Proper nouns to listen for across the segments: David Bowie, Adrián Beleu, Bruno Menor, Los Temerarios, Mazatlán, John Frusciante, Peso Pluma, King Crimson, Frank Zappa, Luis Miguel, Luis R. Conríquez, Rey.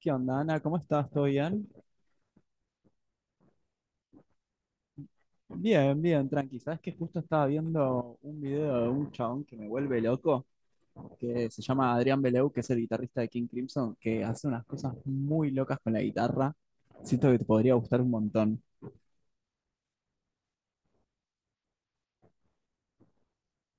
¿Qué onda, Ana? ¿Cómo estás? ¿Todo bien? Bien, bien, tranqui. Sabes que justo estaba viendo un video de un chabón que me vuelve loco, que se llama Adrián Beleu, que es el guitarrista de King Crimson, que hace unas cosas muy locas con la guitarra. Siento que te podría gustar un montón.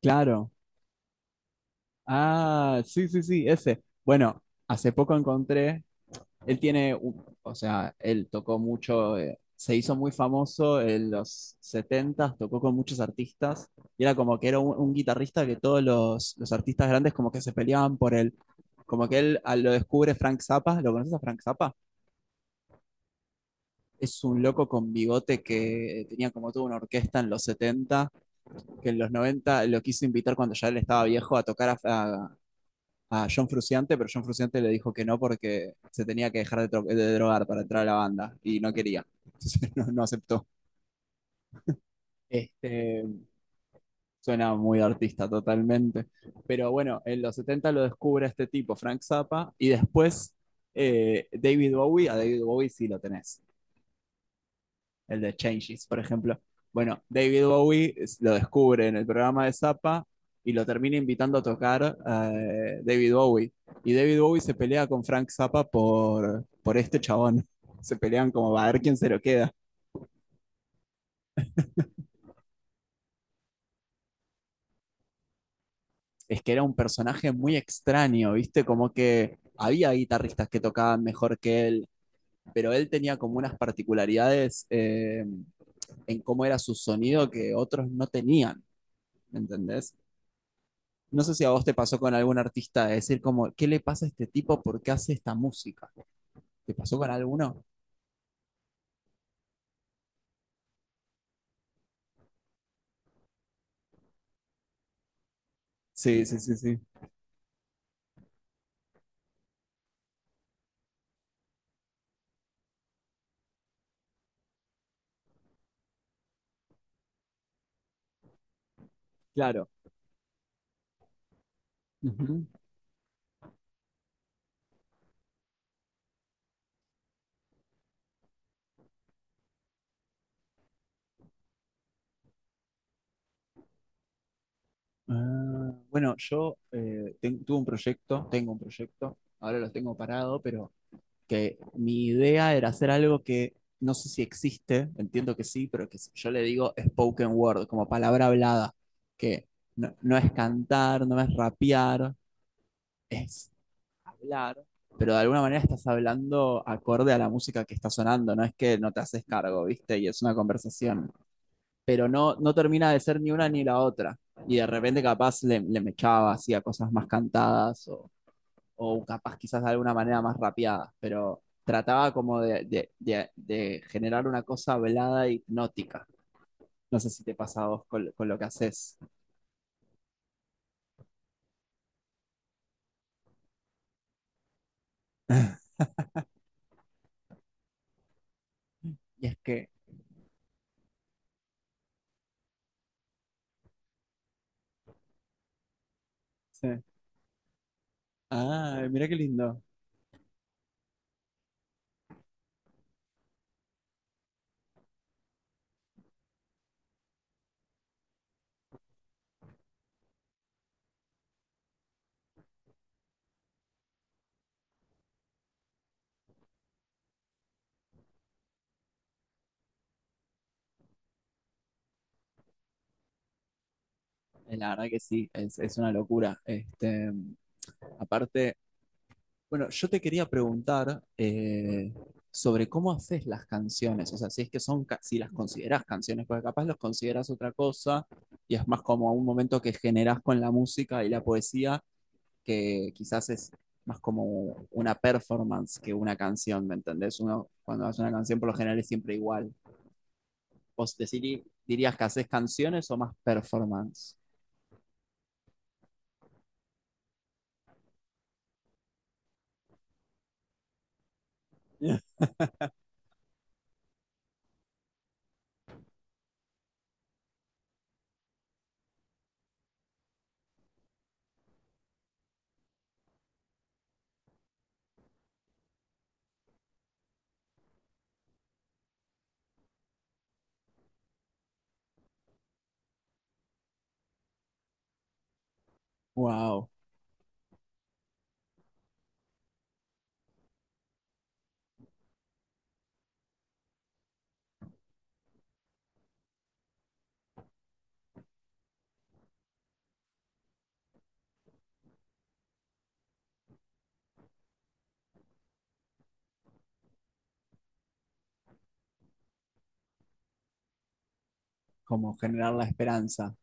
Claro. Ah, sí, sí, sí, ese. Bueno, hace poco encontré él tiene, o sea, él tocó mucho, se hizo muy famoso en los 70 tocó con muchos artistas, y era como que era un guitarrista que todos los artistas grandes como que se peleaban por él. Como que él lo descubre Frank Zappa. ¿Lo conoces a Frank Zappa? Es un loco con bigote que tenía como toda una orquesta en los 70, que en los 90 lo quiso invitar cuando ya él estaba viejo a tocar a John Frusciante, pero John Frusciante le dijo que no porque se tenía que dejar de drogar para entrar a la banda y no quería. Entonces no, no aceptó. Este, Suena muy artista totalmente. Pero bueno, en los 70 lo descubre este tipo, Frank Zappa, y después David Bowie. A David Bowie sí lo tenés. El de Changes, por ejemplo. Bueno, David Bowie lo descubre en el programa de Zappa y lo termina invitando a tocar David Bowie. Y David Bowie se pelea con Frank Zappa por este chabón. Se pelean como a ver quién se lo queda. Es que era un personaje muy extraño, ¿viste? Como que había guitarristas que tocaban mejor que él, pero él tenía como unas particularidades en cómo era su sonido que otros no tenían, ¿entendés? No sé si a vos te pasó con algún artista de decir como, ¿qué le pasa a este tipo? ¿Por qué hace esta música? ¿Te pasó con alguno? Sí, sí, sí, sí. Claro. Ujú. Ah, bueno, yo tuve un proyecto, tengo un proyecto, ahora lo tengo parado, pero que mi idea era hacer algo que no sé si existe, entiendo que sí, pero yo le digo spoken word, como palabra hablada, que no es cantar, no es rapear, es hablar, pero de alguna manera estás hablando acorde a la música que está sonando, no es que no te haces cargo, ¿viste? Y es una conversación, pero no termina de ser ni una ni la otra. Y de repente capaz le mechaba así a cosas más cantadas, o capaz quizás de alguna manera más rapeadas, pero trataba como de generar una cosa hablada e hipnótica. No sé si te pasa a vos con lo que haces. Y es que, sí. Ah, mira qué lindo. La verdad que sí, es una locura. Aparte, bueno, yo te quería preguntar sobre cómo haces las canciones. O sea, si es que son, si las consideras canciones, porque capaz los consideras otra cosa y es más como un momento que generas con la música y la poesía, que quizás es más como una performance que una canción. ¿Me entendés? Uno cuando hace una canción por lo general es siempre igual. ¿Vos dirías que haces canciones o más performance? Wow, como generar la esperanza.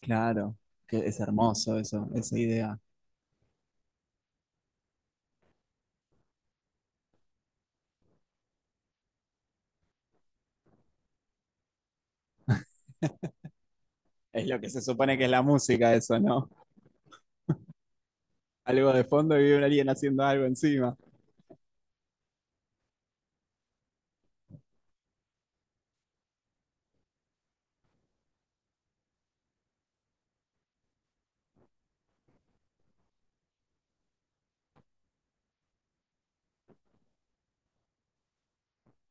Claro, que es hermoso eso, esa idea. Es lo que se supone que es la música, eso, ¿no? Algo de fondo y un alguien haciendo algo encima.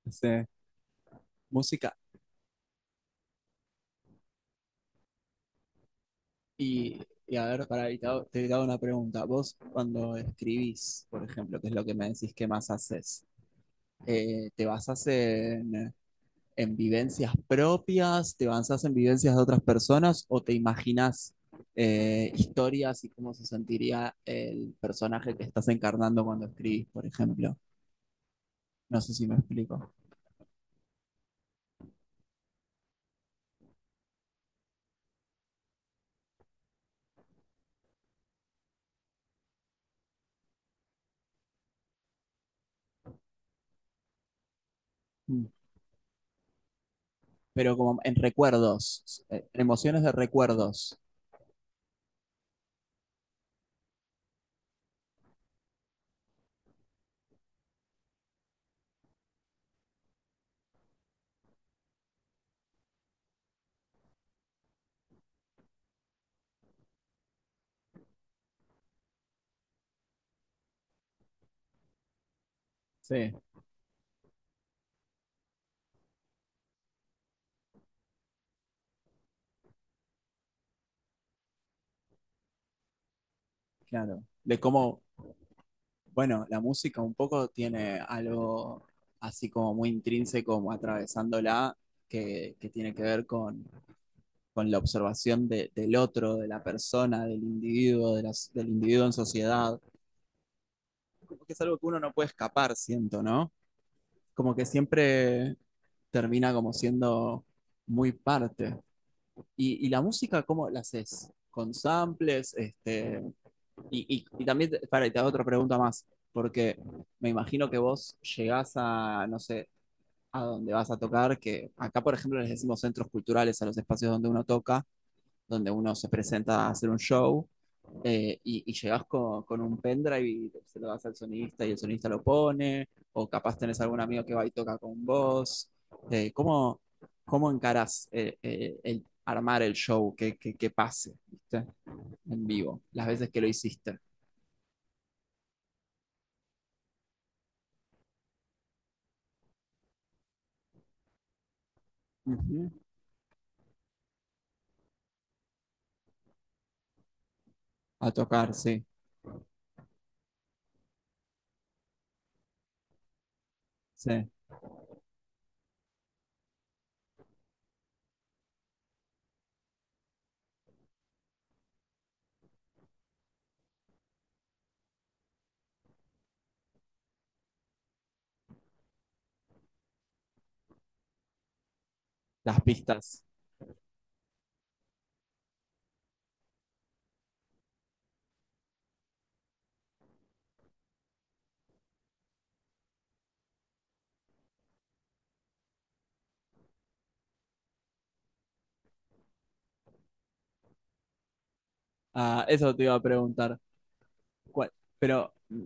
Sí, música. Y a ver, para, te hago una pregunta. Vos, cuando escribís, por ejemplo, que es lo que me decís que más haces, ¿te basás en vivencias propias? ¿Te basás en vivencias de otras personas? ¿O te imaginás historias y cómo se sentiría el personaje que estás encarnando cuando escribís, por ejemplo? No sé si me explico. Mm. Pero como en recuerdos, emociones de recuerdos. Sí, claro. De cómo, bueno, la música un poco tiene algo así como muy intrínseco, como atravesándola, que tiene que ver con la observación del otro, de la persona, del individuo, de del individuo en sociedad. Como que es algo que uno no puede escapar, siento, ¿no? Como que siempre termina como siendo muy parte. ¿Y la música cómo la haces? ¿Con samples? También, para, te hago otra pregunta más, porque me imagino que vos llegás a, no sé, a donde vas a tocar, que acá, por ejemplo, les decimos centros culturales a los espacios donde uno toca, donde uno se presenta a hacer un show, y llegas con un pendrive y se lo das al sonista y el sonista lo pone, o capaz tenés algún amigo que va y toca con vos. Eh, ¿cómo, ¿Cómo encarás el armar el show que pase, ¿viste?, en vivo? Las veces que lo hiciste. Ujú. A tocar, sí, sí. Las pistas. Ah, eso te iba a preguntar. cuál- pero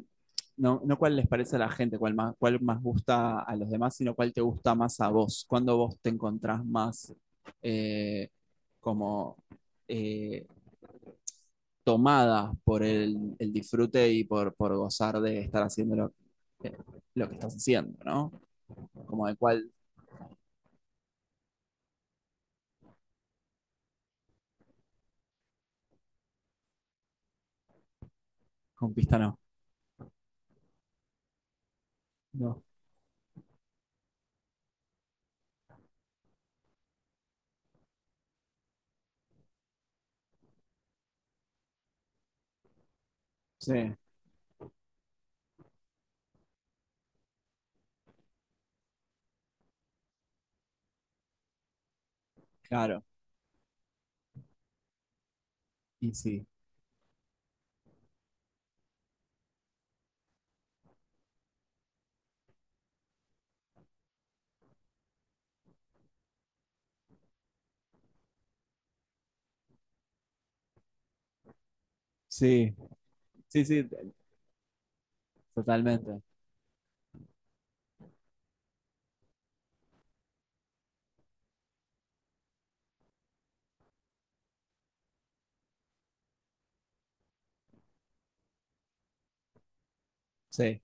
no, no cuál les parece a la gente, cuál más gusta a los demás, sino cuál te gusta más a vos. Cuando vos te encontrás más eh, como eh, tomada por el disfrute y por gozar de estar haciendo eh, lo que estás haciendo, ¿no? Como de cuál. Conquista no. No. Sí, claro. Y sí. Sí, sí, sí, totalmente. Sí,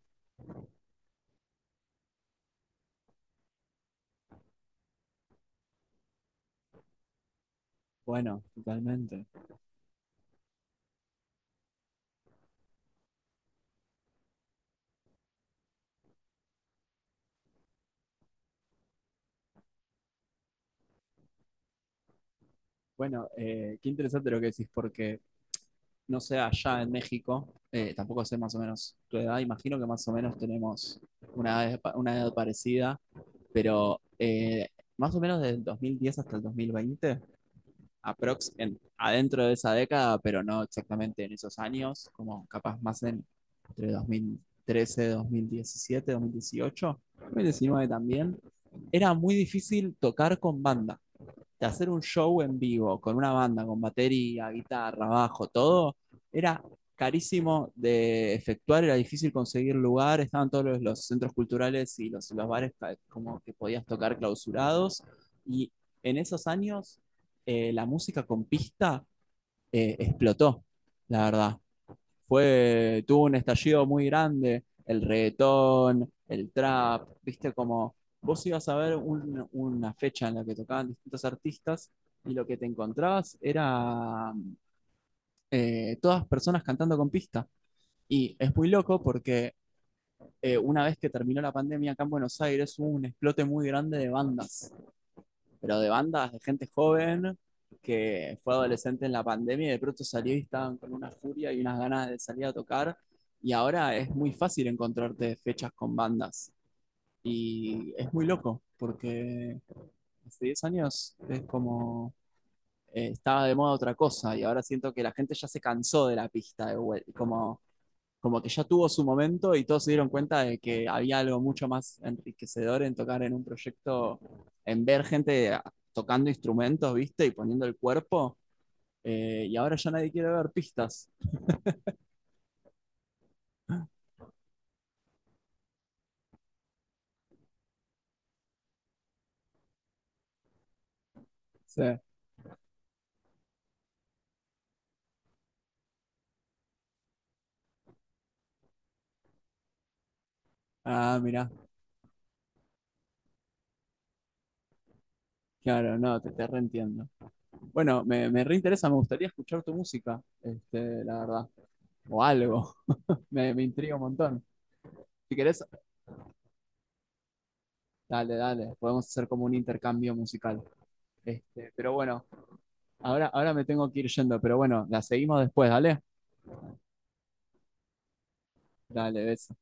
bueno, totalmente. Bueno, qué interesante lo que decís, porque no sé allá en México, tampoco sé más o menos tu edad, imagino que más o menos tenemos una edad parecida, pero más o menos desde del 2010 hasta el 2020, aprox, adentro de esa década, pero no exactamente en esos años, como capaz más entre 2013, 2017, 2018, 2019 también, era muy difícil tocar con banda, de hacer un show en vivo con una banda, con batería, guitarra, bajo, todo, era carísimo de efectuar, era difícil conseguir lugar, estaban todos los centros culturales y los bares como que podías tocar clausurados. Y en esos años la música con pista explotó, la verdad, fue, tuvo un estallido muy grande, el reggaetón, el trap. Viste como vos ibas a ver una fecha en la que tocaban distintos artistas y lo que te encontrabas era todas personas cantando con pista. Y es muy loco porque una vez que terminó la pandemia acá en Buenos Aires hubo un explote muy grande de bandas, pero de bandas de gente joven que fue adolescente en la pandemia y de pronto salió y estaban con una furia y unas ganas de salir a tocar. Y ahora es muy fácil encontrarte fechas con bandas. Y es muy loco, porque hace 10 años es como estaba de moda otra cosa y ahora siento que la gente ya se cansó de la pista de vuelta. Como que ya tuvo su momento y todos se dieron cuenta de que había algo mucho más enriquecedor en tocar en un proyecto, en ver gente tocando instrumentos, ¿viste? Y poniendo el cuerpo. Y ahora ya nadie quiere ver pistas. Sí. Ah, mirá, claro, no, te reentiendo. Bueno, me reinteresa, me gustaría escuchar tu música, la verdad, o algo, me intriga un montón. Si querés, dale, dale, podemos hacer como un intercambio musical. Pero bueno, ahora me tengo que ir yendo, pero bueno, la seguimos después, ¿dale? Dale, beso.